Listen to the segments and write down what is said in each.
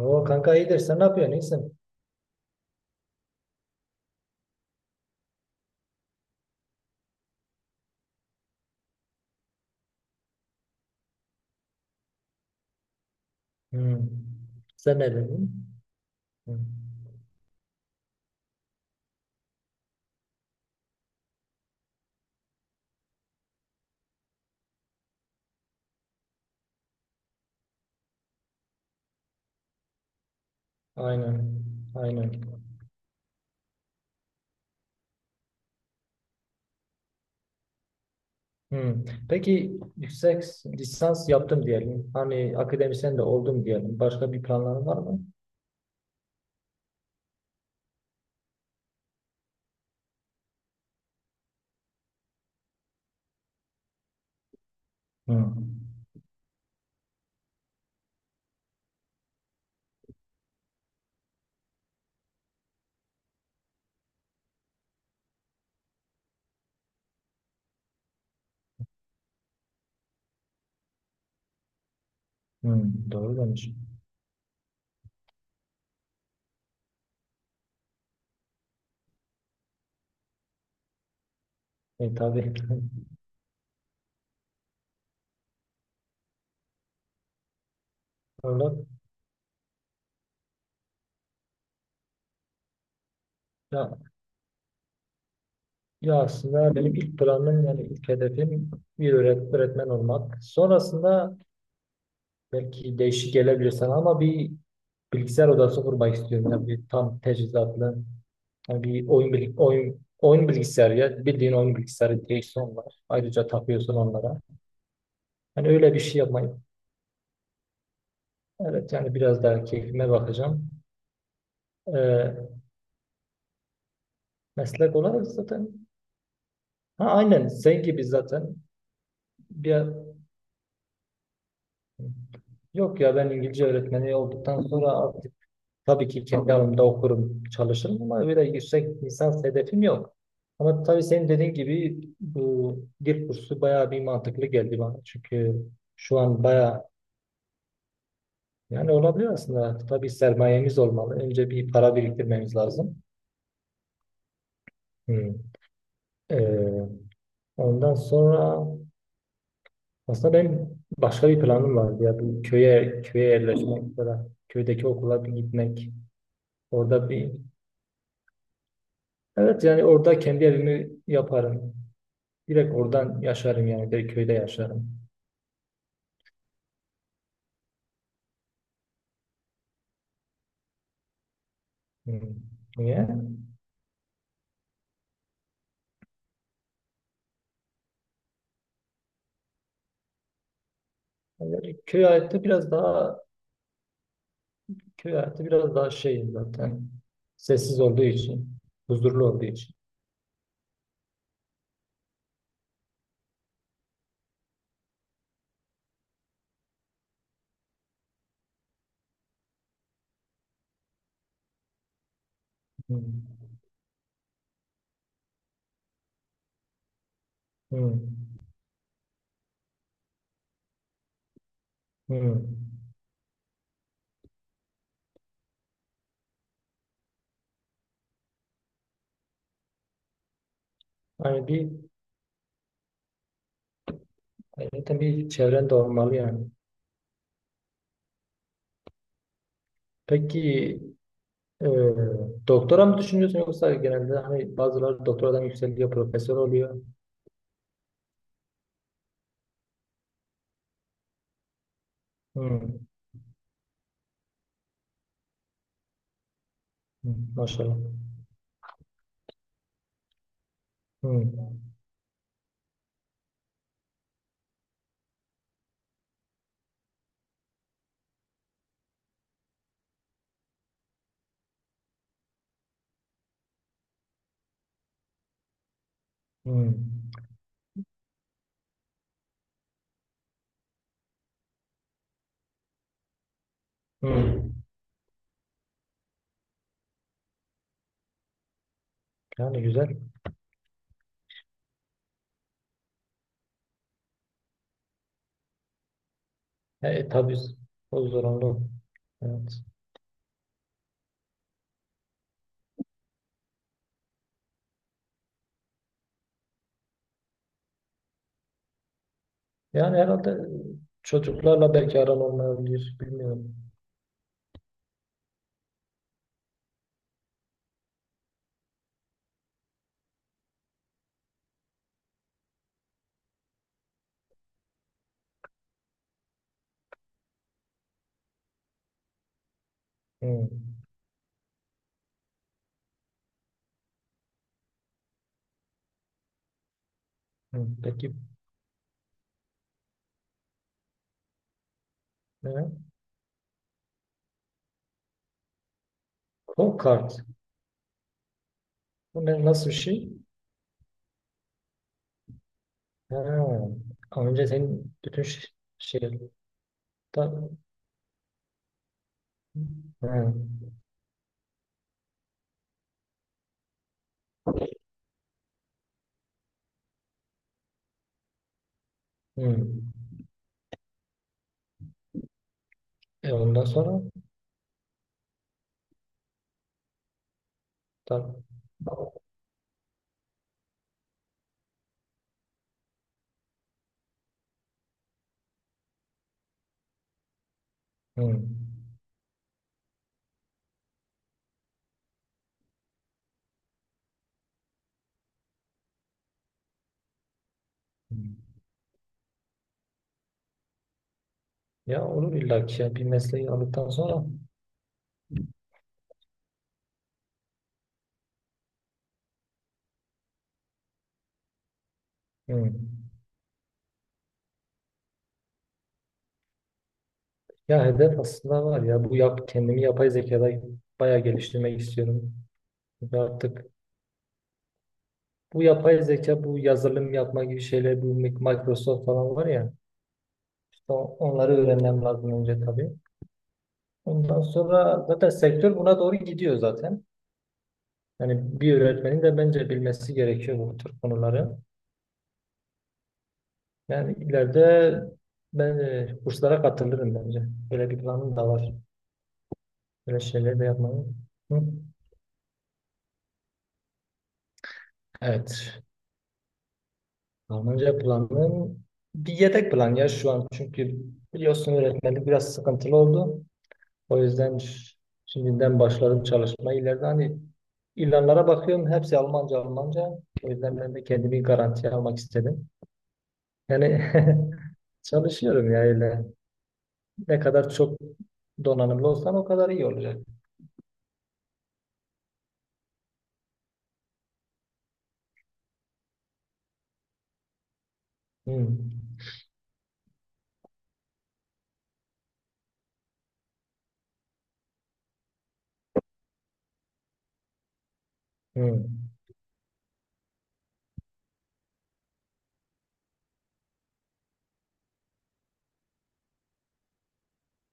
O kanka iyidir. Sen ne yapıyorsun? İyisin. Hmm. Sen ne dedin? Hmm. Aynen. Aynen. Hmm. Peki, yüksek lisans yaptım diyelim. Hani akademisyen de oldum diyelim. Başka bir planların var mı? Hmm. Hmm. Doğru demiş. E tabii. Orada. Ya, ya aslında benim ilk planım, yani ilk hedefim bir öğretmen olmak. Sonrasında belki değişik gelebilir sana, ama bir bilgisayar odası kurmak istiyorum. Yani bir tam teçhizatlı. Yani bir oyun bilgisayarı ya. Bildiğin oyun bilgisayarı, direksiyon var. Ayrıca takıyorsun onlara. Hani öyle bir şey yapmayı. Evet, yani biraz daha keyfime bakacağım. Ee, Meslek olarak zaten. Ha, aynen sen gibi zaten. Bir, yok ya, ben İngilizce öğretmeni olduktan sonra tabii ki kendi alanımda okurum, çalışırım, ama öyle yüksek lisans hedefim yok. Ama tabii senin dediğin gibi bu dil kursu bayağı bir mantıklı geldi bana. Çünkü şu an bayağı, yani olabilir aslında. Tabii sermayemiz olmalı. Önce bir para biriktirmemiz lazım. Hmm. Ee, Ondan sonra aslında benim başka bir planım vardı ya, bir köye yerleşmek falan. Köydeki okula bir gitmek. Orada bir, evet, yani orada kendi evimi yaparım. Direkt oradan yaşarım yani. Direkt köyde yaşarım. Hmm. Niye? Yani köy hayatı biraz daha şey zaten. Sessiz olduğu için. Huzurlu olduğu için. Hmm. Hmm. Hmm. Yani bir, yani zaten bir çevren de olmalı yani. Peki, e, doktora mı düşünüyorsun, yoksa genelde hani bazıları doktoradan yükseliyor, profesör oluyor. Hmm. Hmm. Maşallah. Hmm. Hmm. Hmm. Yani güzel. E, tabii o zorunlu. Evet. Yani herhalde çocuklarla belki aran olmayabilir. Bilmiyorum. Hı. Hı. Peki, e, Call Card. Bu ne, nasıl bir şey? Ha. Ama önce senin bütün şey, ta, hı. Hı. E, ondan sonra ta, hı. Hı. Ya olur illa ki ya, bir mesleği aldıktan sonra. Hı. Ya hedef aslında var ya, bu yap, kendimi yapay zekada bayağı geliştirmek istiyorum. Çünkü artık bu yapay zeka, bu yazılım yapma gibi şeyler, bu Microsoft falan var ya, işte onları öğrenmem lazım önce tabii. Ondan sonra zaten sektör buna doğru gidiyor zaten. Yani bir öğretmenin de bence bilmesi gerekiyor bu tür konuları. Yani ileride ben, kurslara katılırım bence. Böyle bir planım da var. Böyle şeyler de yapmayı. Hı. Evet. Almanca planım bir yedek plan ya şu an. Çünkü biliyorsun, öğretmenlik biraz sıkıntılı oldu. O yüzden şimdiden başladım çalışmaya. İleride hani ilanlara bakıyorum, hepsi Almanca, Almanca. O yüzden ben de kendimi garantiye almak istedim. Yani çalışıyorum ya öyle. Ne kadar çok donanımlı olsam o kadar iyi olacak. Hmm. Hmm.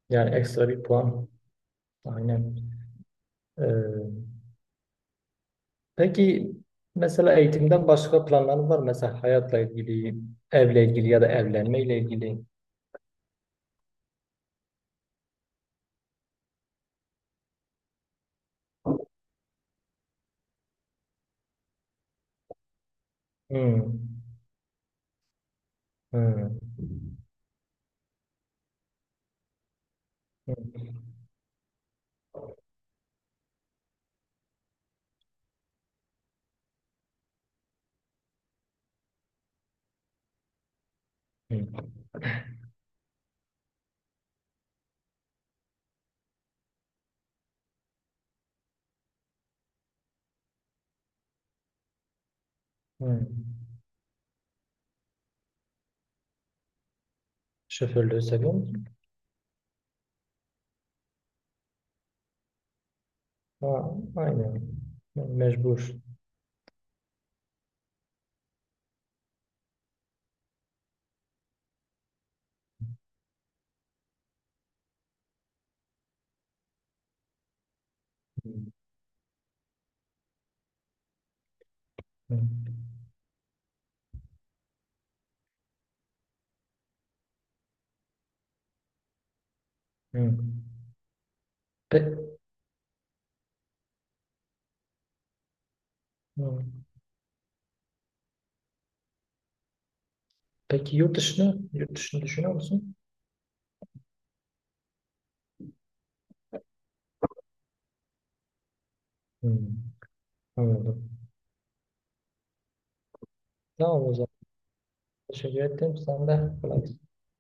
Yani ekstra bir puan. Aynen. Ee, Peki, mesela eğitimden başka planların var mı? Mesela hayatla ilgili, evle ilgili ya da evlenmeyle ilgili. Hmm. Hmm. Hmm. Hmm. Hmm. Şoförlüğü seviyor musun? Ha, aynen. Mecbur. Hmm. Hmm. Pe- hmm. Peki, yurt dışını düşünüyor musun? Hmm. Anladım. Tamam, o zaman. Teşekkür ettim. Sen de kolay